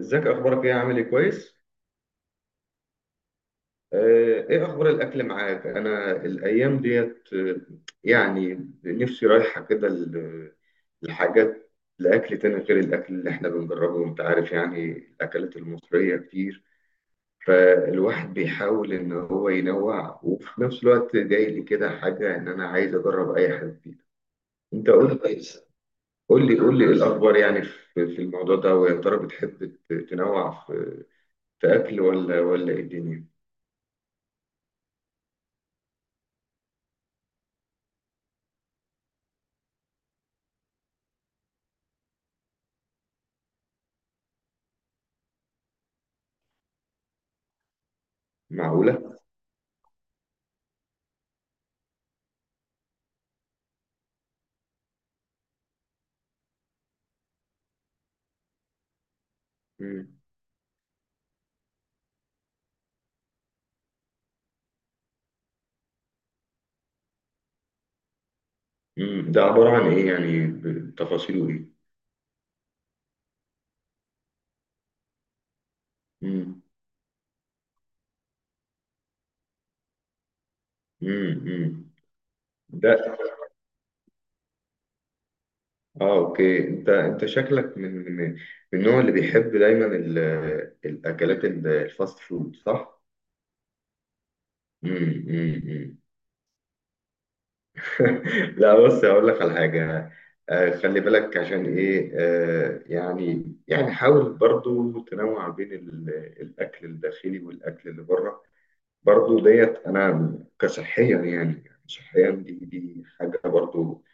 ازيك، اخبارك ايه، عامل ايه؟ كويس. ايه اخبار الاكل معاك؟ انا الايام ديت يعني نفسي رايحه كده لحاجات، لاكل تاني غير الاكل اللي احنا بنجربه. وانت عارف يعني الاكلات المصريه كتير، فالواحد بيحاول ان هو ينوع. وفي نفس الوقت جاي لي كده حاجه ان انا عايز اجرب اي حاجه جديده. انت قول لي، قول لي ايه الاخبار يعني في الموضوع ده. ويا ترى بتحب تنوع في، في اكل، ولا ايه الدنيا؟ معقوله. مم. مم. ده عبارة عن إيه يعني، بتفاصيله إيه؟ مم. مم. مم. ده أوكي. أنت شكلك من، من النوع اللي بيحب دايما الأكلات، الفاست فود، صح؟ مم. مم. مم. لا بص، هقول لك على حاجة. خلي بالك عشان إيه. يعني حاول برضو تنوع بين الأكل الداخلي والأكل اللي بره. برضو ديت انا كصحيا يعني، يعني صحيا، دي حاجه برضو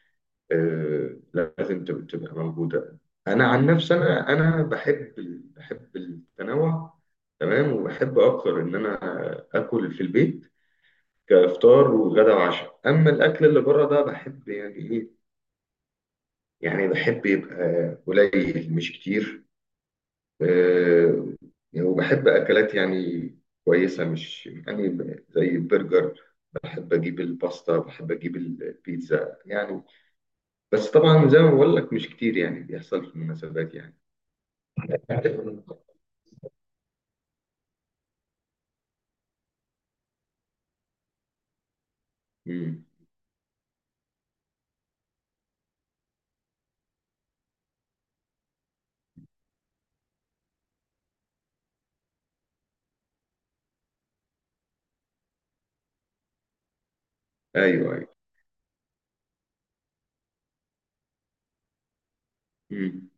آه، لازم تبقى موجوده. انا عن نفسي، انا بحب بحب التنوع، تمام. وبحب اكتر ان انا اكل في البيت، كافطار وغدا وعشاء. اما الاكل اللي بره، ده بحب يعني ايه، يعني بحب يبقى قليل مش كتير. آه، يعني وبحب أكلات يعني كويسة، مش يعني زي البرجر. بحب أجيب الباستا، بحب أجيب البيتزا يعني. بس طبعا زي ما بقول لك، مش كتير يعني، بيحصل في المناسبات يعني. مم. أيوه، أيوه. مم.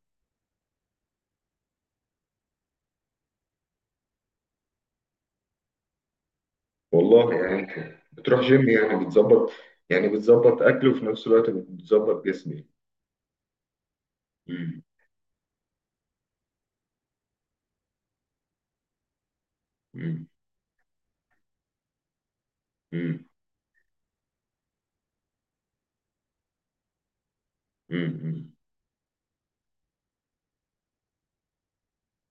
والله يعني أنت بتروح جيم، يعني بتظبط، يعني بتظبط أكل، وفي نفس الوقت بتظبط جسمي. مم. مم. مم. مم. مم.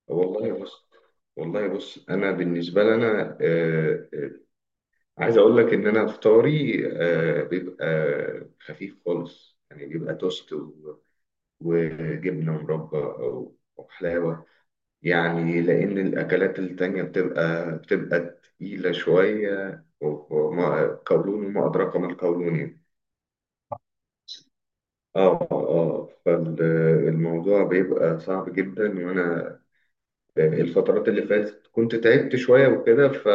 والله بص، أنا بالنسبة لنا، عايز اقول لك ان انا فطاري بيبقى خفيف خالص، يعني بيبقى توست وجبنه مربى، أو حلاوه. يعني لان الاكلات التانية بتبقى تقيله شويه، وما قولون وما ادراك ما القولون يعني. اه، اه، آه. فالموضوع بيبقى صعب جدا. وانا الفترات اللي فاتت كنت تعبت شويه وكده، ف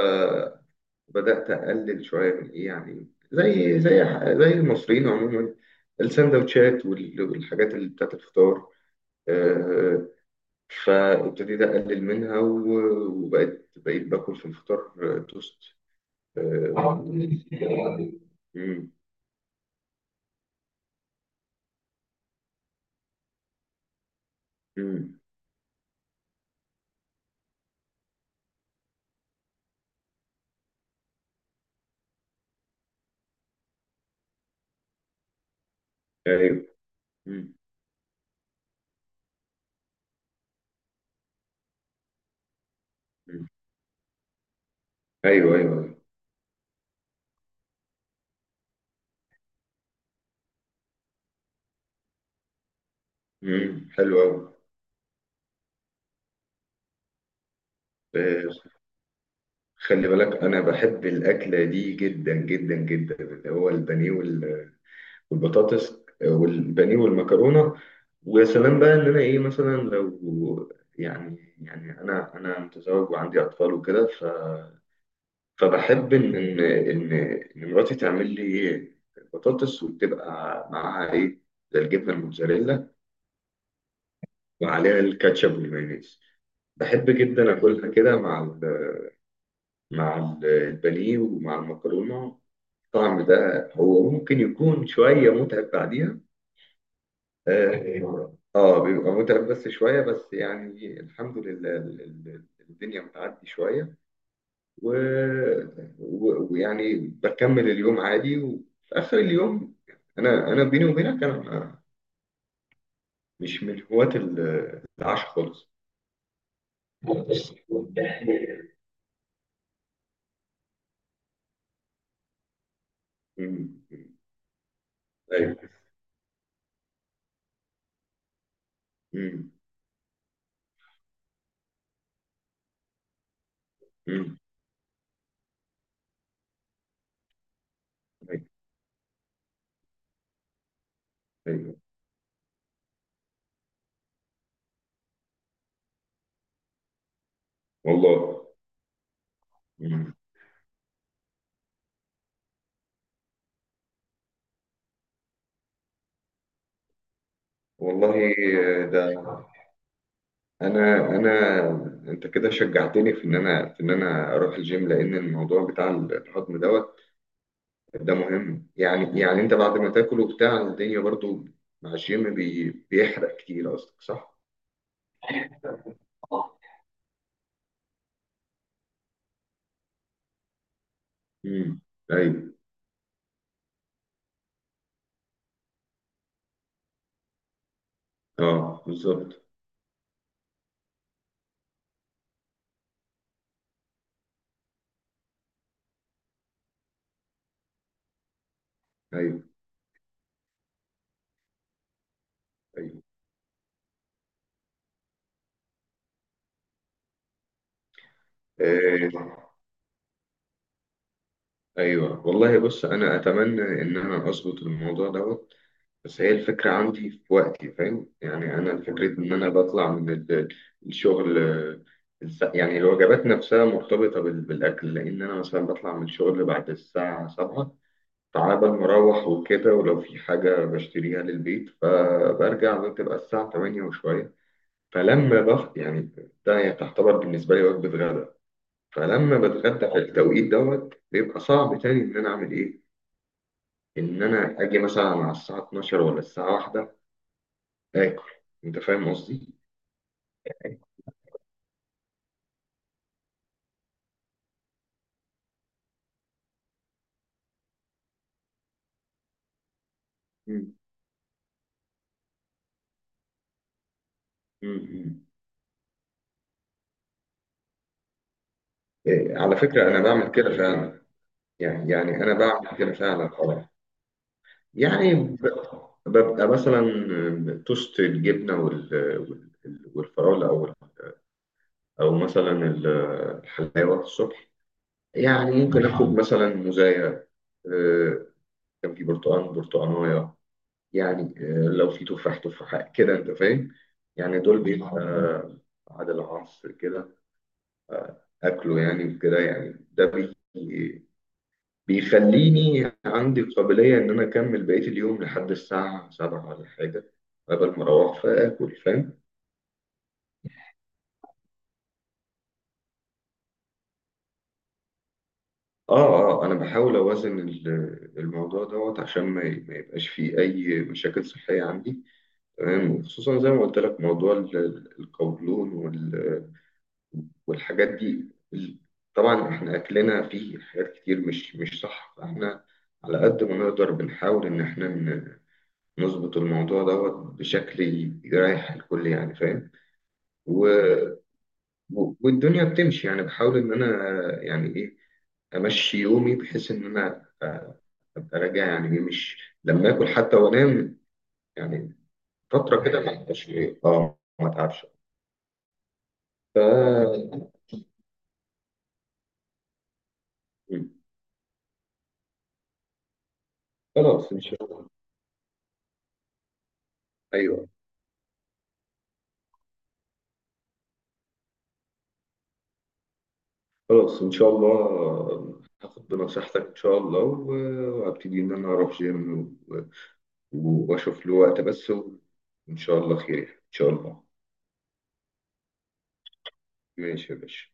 بدأت أقلل شوية من إيه يعني، زي زي زي المصريين عموما، السندوتشات والحاجات اللي بتاعت الفطار آه، فابتديت أقلل منها، وبقيت، بقيت باكل في الفطار توست. آه، مم، مم، أيوه، مم. مم. أيوه، أيوه، أيوه. مم، حلو أوي. آه، خلي بالك، أنا بحب الأكلة دي جدا جدا جدا، اللي هو البانيه والبطاطس، والبانيه والمكرونه. ويا سلام بقى، ان انا ايه مثلا، لو يعني انا متزوج وعندي اطفال وكده. ف فبحب ان ان ان إن مراتي تعمل لي ايه، بطاطس، وتبقى معاها ايه، زي الجبنه الموتزاريلا، وعليها الكاتشب والمايونيز. بحب جدا اكلها كده مع مع البانيه ومع المكرونه. الطعم ده هو ممكن يكون شويه متعب بعديها. اه، بيبقى متعب بس شوية بس، يعني الحمد لله الدنيا بتعدي شوية. و- ويعني بكمل اليوم عادي، وفي آخر اليوم، أنا بيني وبينك، أنا مش من هواة العشاء خالص. مم. أيوه. مم. مم. أيوه، أيوه، والله. مم. والله ده انا انت كده شجعتني في ان انا، اروح الجيم، لان الموضوع بتاع الهضم دوت، ده مهم يعني. يعني انت بعد ما تاكل وبتاع الدنيا برضو مع الجيم، بيحرق كتير، قصدك صح؟ اه. امم، ايوه، اه، بالظبط. ايوه، ايوه، آه، ايوه. والله بص انا اتمنى ان انا اظبط الموضوع دوت. بس هي الفكرة عندي في وقتي، فاهم يعني؟ أنا الفكرة إن أنا بطلع من الشغل يعني الوجبات نفسها مرتبطة بالأكل. لأن أنا مثلا بطلع من الشغل بعد الساعة سبعة، تعبان، مروح وكده. ولو في حاجة بشتريها للبيت، فبرجع بتبقى الساعة تمانية وشوية. فلما يعني، ده يعني تعتبر بالنسبة لي وجبة غدا. فلما بتغدى في التوقيت دوت، بيبقى صعب تاني إن أنا أعمل إيه، إن أنا أجي مثلا على الساعة 12 ولا الساعة 1 آكل؟ أنت فاهم قصدي؟ مم. مم. مم. إيه، على فكرة أنا يعني بعمل كده فعلا، يعني أنا بعمل كده فعلا. أه يعني ببقى مثلا توست الجبنة والفراولة، أو أو مثلا الحلاوة الصبح. يعني ممكن آخد مثلا موزاية، آه، كان في برتقال، برتقاناية يعني. لو في تفاح، تفاحة كده. أنت فاهم يعني؟ دول بيبقى بعد العصر كده اكله يعني، وكده يعني. ده بيخليني عندي قابلية ان انا اكمل بقية اليوم، لحد الساعة 7 ولا حاجة، قبل ما اروح فاكل، فاهم؟ اه. اه، انا بحاول اوازن الموضوع دوت عشان ما ما يبقاش فيه اي مشاكل صحية عندي، تمام. وخصوصا زي ما قلت لك موضوع القولون والحاجات دي طبعا احنا اكلنا فيه حاجات كتير مش صح. فاحنا على قد ما نقدر بنحاول ان احنا نظبط الموضوع دوت بشكل يريح الكل، يعني فاهم. و... و- والدنيا بتمشي يعني. بحاول ان انا يعني ايه امشي يومي، بحيث ان انا ابقى راجع يعني ايه، مش لما اكل حتى وانام، يعني فتره كده ما ابقاش ايه اه ما اتعبش. ف مم. خلاص ان شاء الله. ايوه. خلاص ان شاء الله هاخد بنصيحتك ان شاء الله، وهبتدي ان انا اروح جيم، واشوف له وقت بس، وان شاء الله خير. ان شاء الله. ماشي يا باشا.